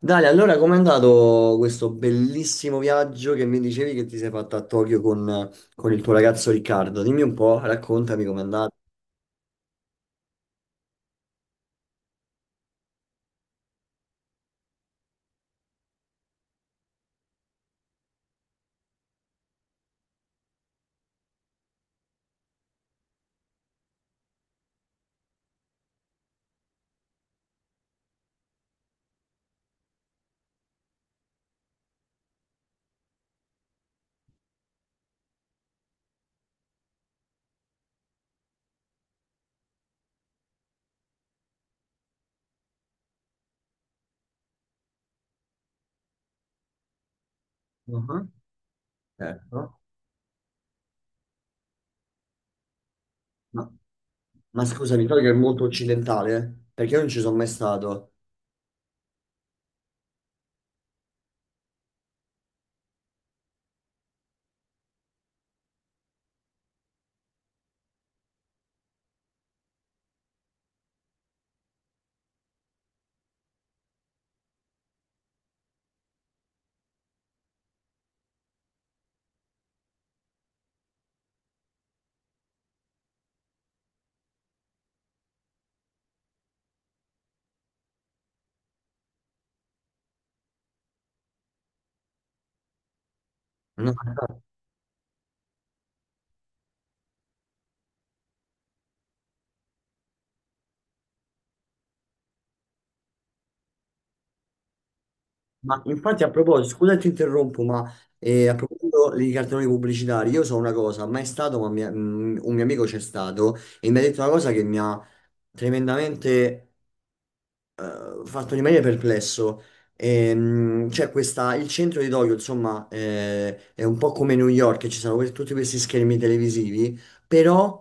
Dale, allora com'è andato questo bellissimo viaggio che mi dicevi che ti sei fatto a Tokyo con il tuo ragazzo Riccardo? Dimmi un po', raccontami com'è andato. Mhm. Certo. Ma, ma scusami, Tokyo è molto occidentale, eh? Perché io non ci sono mai stato. No, ma infatti a proposito, scusa se ti interrompo, ma a proposito di cartoni pubblicitari, io so una cosa, mai stato, un mio amico c'è stato e mi ha detto una cosa che mi ha tremendamente fatto rimanere perplesso. C'è questa, il centro di Tokyo, insomma, è un po' come New York, che ci sono tutti questi schermi televisivi, però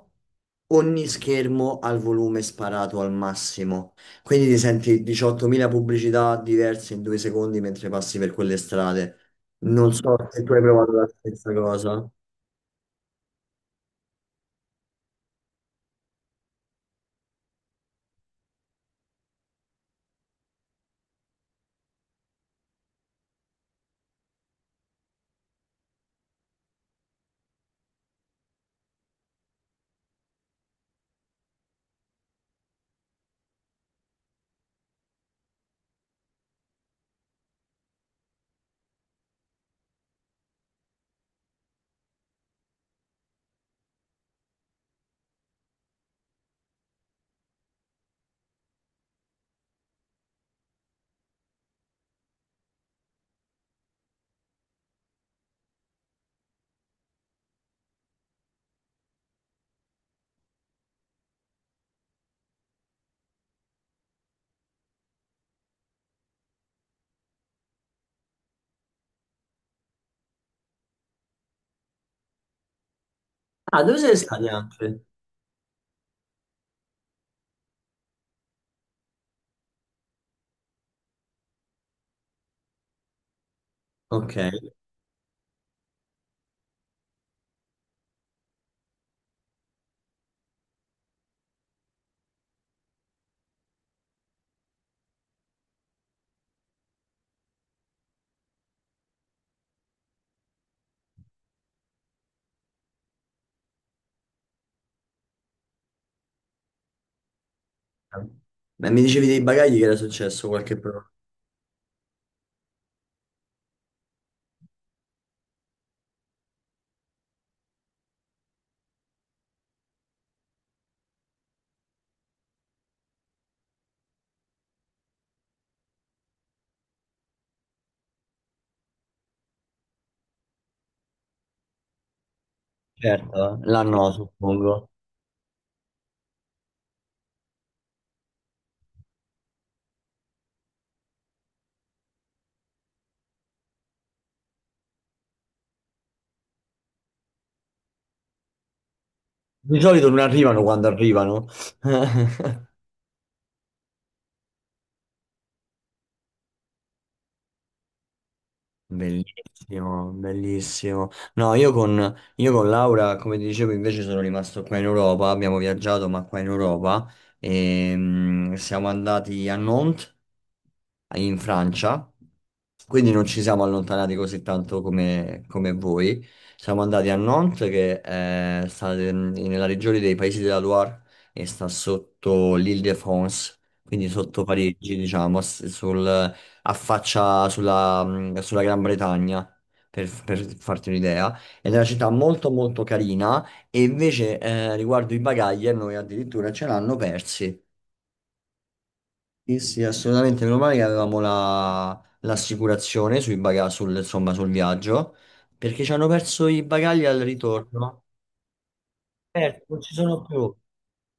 ogni schermo ha il volume sparato al massimo. Quindi ti senti 18.000 pubblicità diverse in 2 secondi mentre passi per quelle strade. Non so se tu hai provato la stessa cosa. Ah, dove sei stati anche? Ok. Ma mi dicevi dei bagagli che era successo qualche problema? Certo, l'hanno, suppongo. Di solito non arrivano quando arrivano. Bellissimo, bellissimo. No, io con Laura, come ti dicevo, invece sono rimasto qua in Europa, abbiamo viaggiato, ma qua in Europa, e, siamo andati a Nantes, in Francia, quindi non ci siamo allontanati così tanto come, come voi. Siamo andati a Nantes, nella regione dei Paesi della Loire e sta sotto l'Île-de-France, quindi sotto Parigi, diciamo, affaccia sulla, sulla Gran Bretagna, per farti un'idea. Ed è una città molto molto carina e invece riguardo i bagagli a noi addirittura ce l'hanno persi. Sì, sì, assolutamente, meno male che avevamo l'assicurazione sul, insomma, sul viaggio, perché ci hanno perso i bagagli al ritorno. Perso, non ci sono più.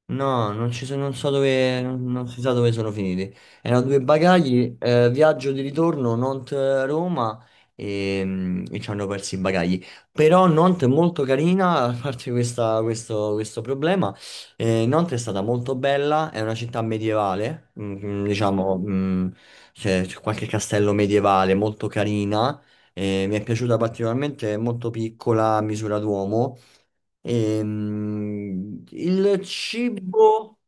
No, non so dove, non, non si sa dove sono finiti. Erano due bagagli, viaggio di ritorno, Nantes-Roma e, e ci hanno perso i bagagli. Però Nantes è molto carina, a parte questo, questo problema. Nantes è stata molto bella, è una città medievale, diciamo, c'è qualche castello medievale, molto carina. Mi è piaciuta particolarmente, è molto piccola, a misura d'uomo. Il cibo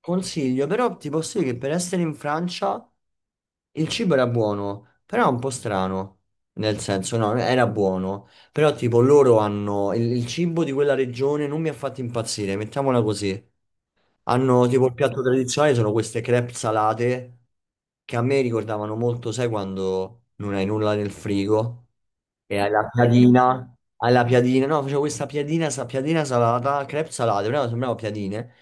consiglio, però ti posso dire che per essere in Francia il cibo era buono, però un po' strano. Nel senso, no, era buono, però tipo loro hanno il cibo di quella regione non mi ha fatto impazzire, mettiamola così. Hanno tipo il piatto tradizionale sono queste crepe salate che a me ricordavano molto, sai, quando non hai nulla nel frigo. E alla piadina, no, facevo questa piadina, piadina salata, crepe salate, però sembravano piadine.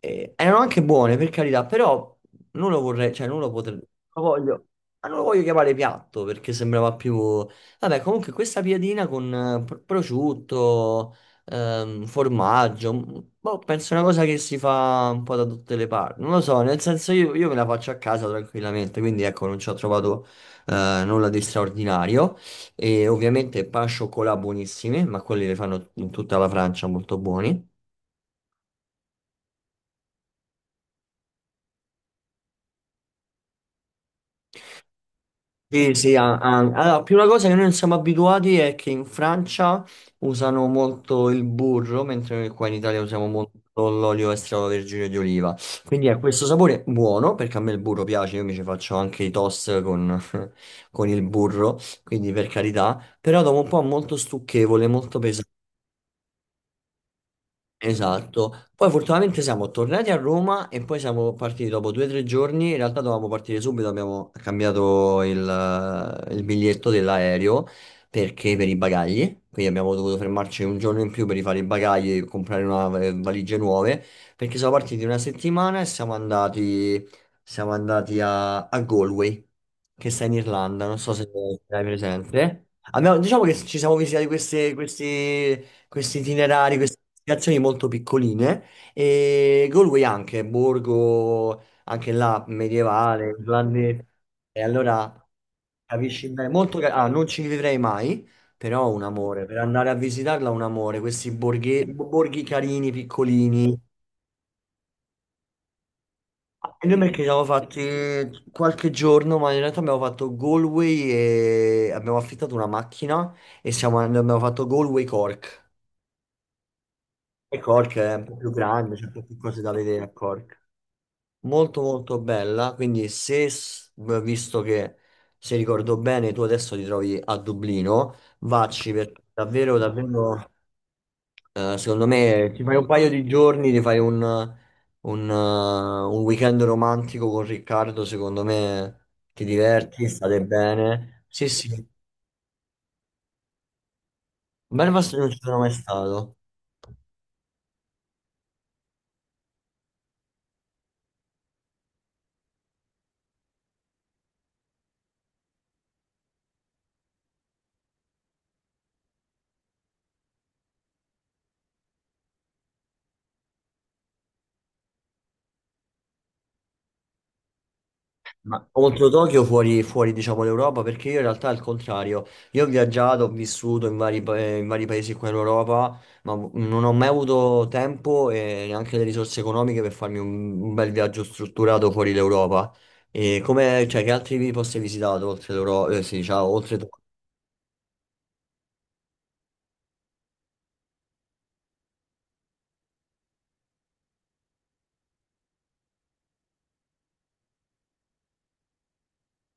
E erano anche buone, per carità, però non lo vorrei, cioè non lo potrei, lo voglio, ma non lo voglio chiamare piatto perché sembrava più... Vabbè, comunque questa piadina con prosciutto, formaggio, boh, penso una cosa che si fa un po' da tutte le parti. Non lo so, nel senso io me la faccio a casa tranquillamente, quindi ecco, non ci ho trovato nulla di straordinario. E ovviamente pan chocolat buonissimi, ma quelli le fanno in tutta la Francia molto buoni. Sì, sì, allora, la prima cosa che noi non siamo abituati è che in Francia usano molto il burro, mentre noi qua in Italia usiamo molto l'olio extravergine di oliva. Quindi è questo sapore buono, perché a me il burro piace, io mi ci faccio anche i toast con, con il burro, quindi per carità, però dopo un po' è molto stucchevole, molto pesante. Esatto, poi fortunatamente siamo tornati a Roma e poi siamo partiti dopo 2 o 3 giorni, in realtà dovevamo partire subito, abbiamo cambiato il biglietto dell'aereo perché per i bagagli, quindi abbiamo dovuto fermarci un giorno in più per rifare i bagagli e comprare valigie nuove, perché siamo partiti una settimana e siamo andati a Galway, che sta in Irlanda, non so se hai presente. Diciamo che ci siamo visitati questi questi itinerari, queste destinazioni molto piccoline e Galway anche, borgo anche là medievale, irlandese. E allora capisci bene, molto ah, non ci vivrei mai, però un amore, per andare a visitarla un amore, questi borghi carini, piccolini. E noi perché ci siamo fatti qualche giorno, ma in realtà abbiamo fatto Galway e abbiamo affittato una macchina e abbiamo fatto Galway Cork. E Cork è un po' più grande, c'è un po' più cose da vedere a Cork. Molto molto bella, quindi se, s- visto che se ricordo bene, tu adesso ti trovi a Dublino, vacci perché davvero, davvero, secondo me ti fai un paio di giorni, ti fai un weekend romantico con Riccardo, secondo me ti diverti, state bene. Sì, sì, Belfast non ci sono mai stato. Ma contro Tokyo fuori, fuori diciamo l'Europa perché io in realtà è il contrario. Io ho viaggiato, ho vissuto in vari, in vari paesi qua in Europa, ma non ho mai avuto tempo e neanche le risorse economiche per farmi un bel viaggio strutturato fuori l'Europa. E come, cioè, che altri posti hai visitato oltre l'Europa? Sì, diciamo, oltre Tokyo?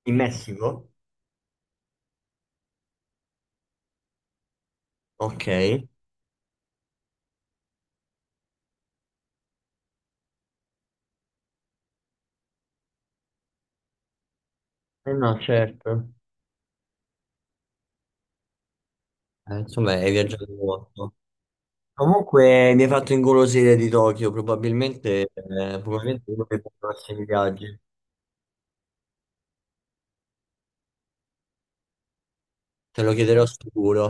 In Messico? Ok. Eh no, certo. Insomma, hai viaggiato molto. Comunque mi hai fatto ingolosire di Tokyo, probabilmente, probabilmente uno dei prossimi viaggi. Te lo chiederò sicuro.